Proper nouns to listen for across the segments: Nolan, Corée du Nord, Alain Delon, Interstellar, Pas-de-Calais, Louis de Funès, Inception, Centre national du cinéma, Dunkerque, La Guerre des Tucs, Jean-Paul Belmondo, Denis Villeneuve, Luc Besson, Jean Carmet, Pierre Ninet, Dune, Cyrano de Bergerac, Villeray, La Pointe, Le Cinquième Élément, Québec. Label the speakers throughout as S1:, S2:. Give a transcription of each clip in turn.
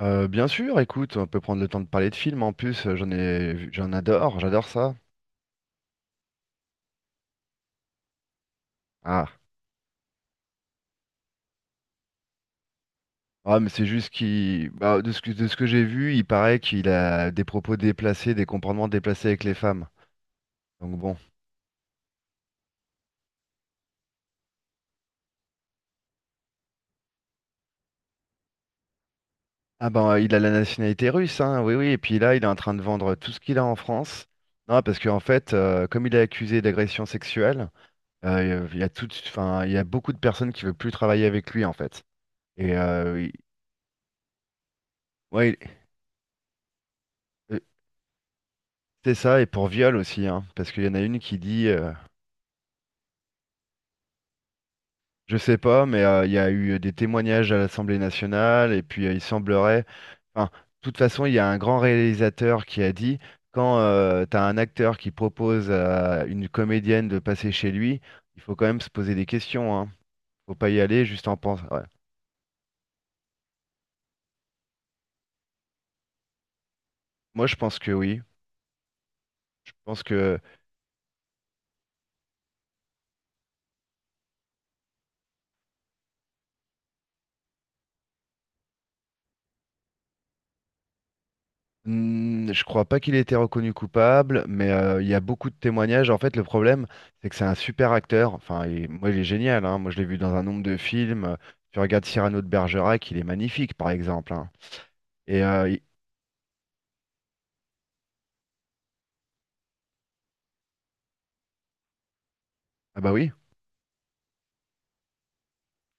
S1: Bien sûr, écoute, on peut prendre le temps de parler de films. En plus, j'en ai, vu- j'en adore, j'adore ça. Ah, ah, mais c'est juste bah, de ce que j'ai vu, il paraît qu'il a des propos déplacés, des comportements déplacés avec les femmes. Donc bon. Ah ben, il a la nationalité russe, hein, oui, oui. Et puis là, il est en train de vendre tout ce qu'il a en France. Non, parce qu'en fait, comme il est accusé d'agression sexuelle, il y a tout, enfin, il y a beaucoup de personnes qui veulent plus travailler avec lui, en fait. Et euh, il- ouais. C'est ça, et pour viol aussi, hein, parce qu'il y en a une qui dit, je sais pas, mais il y a eu des témoignages à l'Assemblée nationale, et puis il semblerait, enfin, de toute façon, il y a un grand réalisateur qui a dit, quand t'as un acteur qui propose à une comédienne de passer chez lui, il faut quand même se poser des questions, hein. Faut pas y aller juste en pensant. Ouais. Moi, je pense que oui. Je pense que Hmm, Je crois pas qu'il ait été reconnu coupable, mais il y a beaucoup de témoignages. En fait, le problème, c'est que c'est un super acteur. Enfin, moi, il est génial. Hein. Moi, je l'ai vu dans un nombre de films. Tu regardes Cyrano de Bergerac, il est magnifique, par exemple. Hein. Et euh, il- ah bah oui,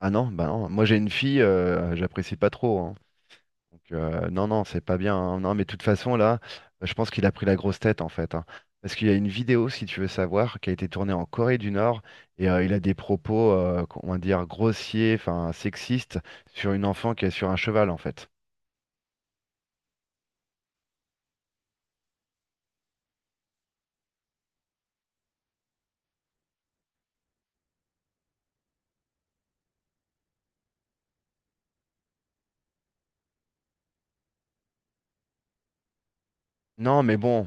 S1: ah non, bah non. Moi, j'ai une fille, j'apprécie pas trop. Hein. Donc, non, non, c'est pas bien. Hein. Non, mais de toute façon, là, je pense qu'il a pris la grosse tête, en fait. Hein. Parce qu'il y a une vidéo, si tu veux savoir, qui a été tournée en Corée du Nord, et il a des propos, qu'on va dire, grossiers, enfin, sexistes, sur une enfant qui est sur un cheval, en fait. Non, mais bon,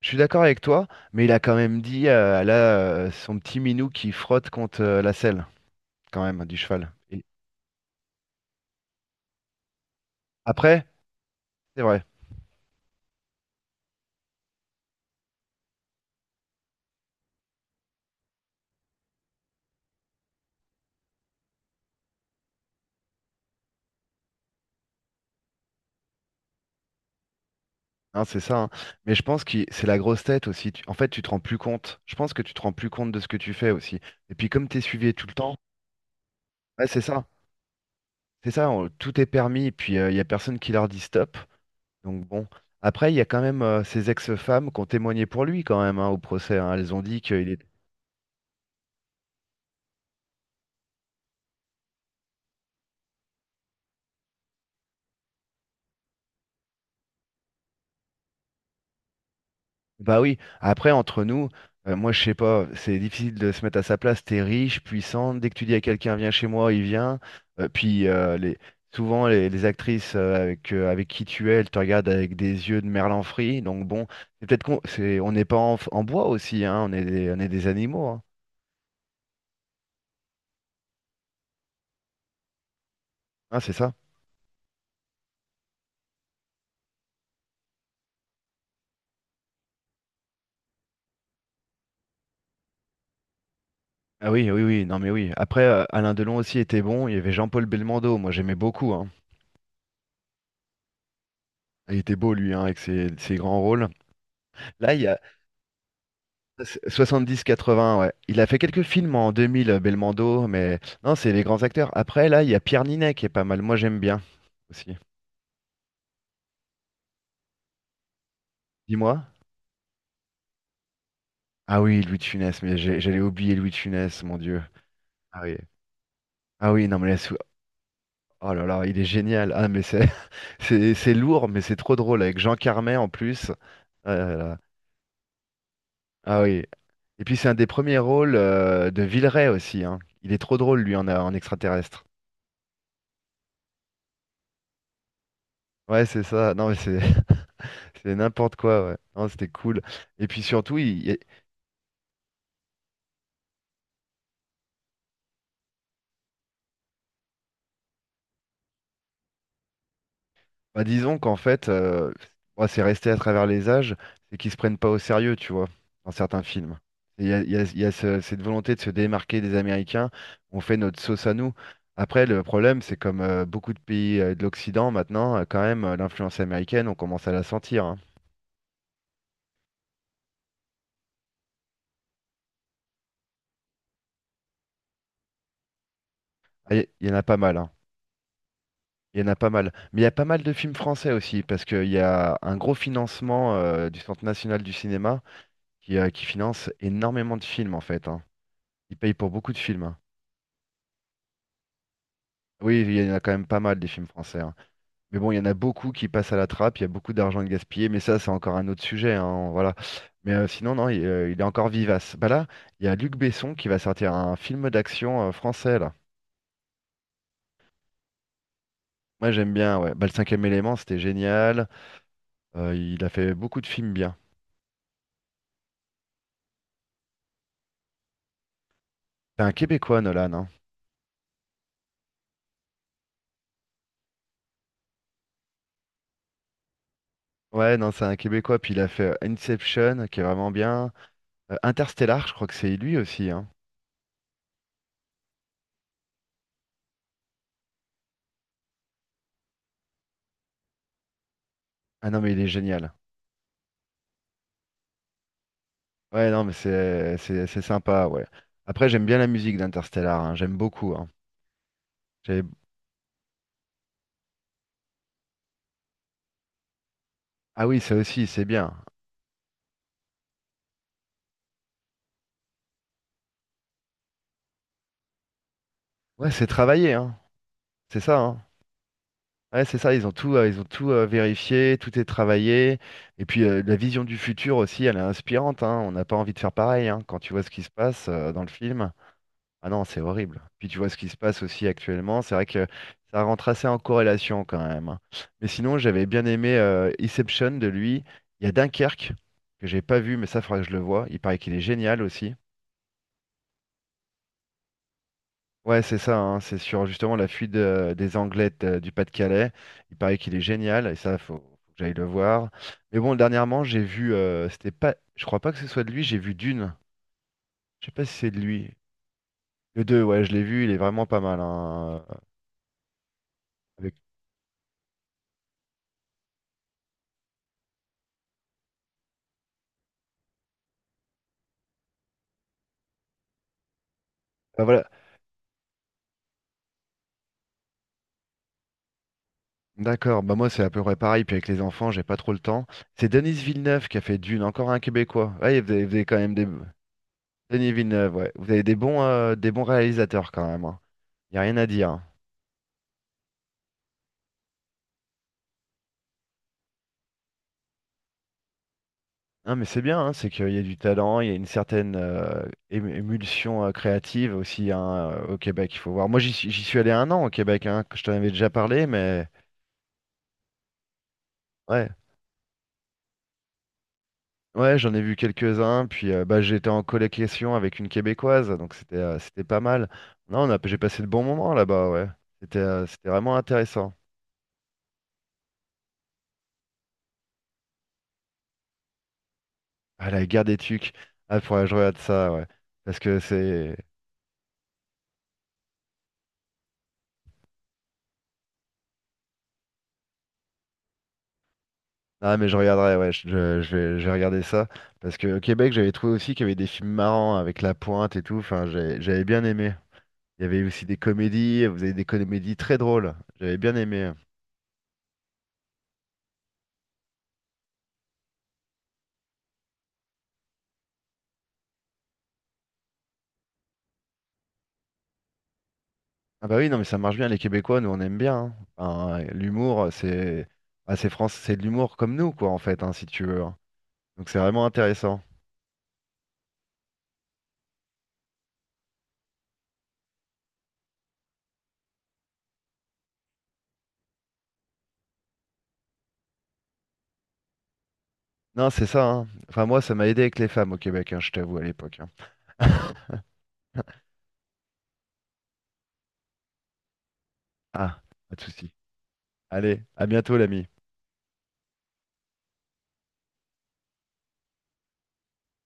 S1: je suis d'accord avec toi, mais il a quand même dit, là, son petit minou qui frotte contre la selle, quand même, hein, du cheval. Et après, c'est vrai. Hein, c'est ça, hein. Mais je pense que c'est la grosse tête aussi. En fait, tu te rends plus compte. Je pense que tu te rends plus compte de ce que tu fais aussi. Et puis comme tu es suivi tout le temps, ouais, c'est ça. C'est ça, tout est permis. Et puis il n'y a personne qui leur dit stop. Donc bon. Après, il y a quand même ces ex-femmes qui ont témoigné pour lui quand même hein, au procès. Hein. Elles ont dit qu'il était Bah oui, après entre nous, moi je sais pas, c'est difficile de se mettre à sa place, t'es riche, puissant, dès que tu dis à quelqu'un viens chez moi, il vient. Puis souvent les actrices avec, avec qui tu es, elles te regardent avec des yeux de merlan frit, donc bon, c'est peut-être on n'est pas en, en bois aussi, hein, on est des animaux, hein. Hein, c'est ça? Ah oui, oui, oui, non mais oui. Après, Alain Delon aussi était bon, il y avait Jean-Paul Belmondo, moi j'aimais beaucoup, hein. Il était beau lui, hein, avec ses grands rôles. Là, soixante-dix quatre-vingts, ouais. Il a fait quelques films en 2000, Belmondo, mais non, c'est les grands acteurs. Après, là, il y a Pierre Ninet qui est pas mal. Moi, j'aime bien aussi. Dis-moi. Ah oui, Louis de Funès, mais j'allais oublier Louis de Funès, mon Dieu. Ah oui. Ah oui, non, mais oh là là, il est génial. Ah, mais c'est c'est lourd, mais c'est trop drôle avec Jean Carmet en plus. Ah là là. Ah oui. Et puis, c'est un des premiers rôles de Villeray aussi, hein. Il est trop drôle, lui, en extraterrestre. Ouais, c'est ça. Non, mais c'est n'importe quoi, ouais. Non, c'était cool. Et puis surtout, bah, disons qu'en fait, bon, c'est resté à travers les âges, c'est qu'ils se prennent pas au sérieux, tu vois, dans certains films. Et il y a cette volonté de se démarquer des Américains, on fait notre sauce à nous. Après, le problème, c'est comme beaucoup de pays de l'Occident maintenant, quand même, l'influence américaine, on commence à la sentir. Hein. Ah, il y en a pas mal, hein. Il y en a pas mal. Mais il y a pas mal de films français aussi, parce qu'il y a un gros financement du Centre national du cinéma, qui finance énormément de films en fait. Hein. Il paye pour beaucoup de films. Hein. Oui, il y en a quand même pas mal des films français. Hein. Mais bon, il y en a beaucoup qui passent à la trappe, il y a beaucoup d'argent de gaspillé, mais ça, c'est encore un autre sujet. Hein, voilà. Mais sinon, non, il est encore vivace. Bah là, il y a Luc Besson qui va sortir un film d'action français, là. Moi, j'aime bien, ouais. Bah, le cinquième élément, c'était génial. Il a fait beaucoup de films bien. C'est un Québécois, Nolan, hein. Ouais, non, c'est un Québécois, puis il a fait Inception, qui est vraiment bien. Interstellar, je crois que c'est lui aussi, hein. Ah non, mais il est génial. Ouais, non, mais c'est sympa, ouais. Après, j'aime bien la musique d'Interstellar, hein, j'aime beaucoup, hein. J'ai- Ah oui, ça aussi, c'est bien. Ouais, c'est travaillé, hein. C'est ça, hein. Ouais, c'est ça, ils ont tout vérifié, tout est travaillé. Et puis, la vision du futur aussi, elle est inspirante, hein. On n'a pas envie de faire pareil, hein, quand tu vois ce qui se passe dans le film. Ah non, c'est horrible. Puis tu vois ce qui se passe aussi actuellement, c'est vrai que ça rentre assez en corrélation quand même. Hein. Mais sinon, j'avais bien aimé Inception de lui. Il y a Dunkerque, que j'ai pas vu, mais ça, faudra que je le voie. Il paraît qu'il est génial aussi. Ouais, c'est ça, hein, c'est sur justement la fuite des Anglais du Pas-de-Calais. Il paraît qu'il est génial, et ça, faut que j'aille le voir. Mais bon, dernièrement, j'ai vu, c'était pas, je crois pas que ce soit de lui, j'ai vu Dune. Je sais pas si c'est de lui. Le 2, ouais, je l'ai vu, il est vraiment pas mal. Hein, avec- ah, voilà. D'accord, bah moi c'est à peu près pareil, puis avec les enfants, j'ai pas trop le temps. C'est Denis Villeneuve qui a fait Dune, encore un Québécois. Ouais, vous avez quand même des... Denis Villeneuve, ouais. Vous avez des bons, réalisateurs quand même. Hein. Y a rien à dire. Hein. Non mais c'est bien, hein, c'est qu'il y a du talent, il y a une certaine émulsion créative aussi hein, au Québec, il faut voir. Moi j'y suis allé un an au Québec, hein, que je t'en avais déjà parlé, mais ouais. Ouais, j'en ai vu quelques-uns, puis bah, j'étais en colocation avec une Québécoise, donc c'était pas mal. Non, j'ai passé de bons moments là-bas, ouais. C'était vraiment intéressant. Ah, la guerre des Tucs. Ah, faudrait que je regarde ça, ouais. Parce que c'est... Ah, mais je regarderai, ouais, je vais regarder ça. Parce que au Québec, j'avais trouvé aussi qu'il y avait des films marrants avec La Pointe et tout, enfin, j'avais bien aimé. Il y avait aussi des comédies, vous avez des comédies très drôles. J'avais bien aimé. Ah bah oui, non mais ça marche bien, les Québécois, nous on aime bien. Hein. Enfin, l'humour, c'est France, c'est de l'humour comme nous, quoi, en fait, hein, si tu veux. Hein. Donc c'est vraiment intéressant. Non, c'est ça, hein. Enfin moi, ça m'a aidé avec les femmes au Québec, hein, je t'avoue, à l'époque. Hein. Ah, pas de souci. Allez, à bientôt l'ami.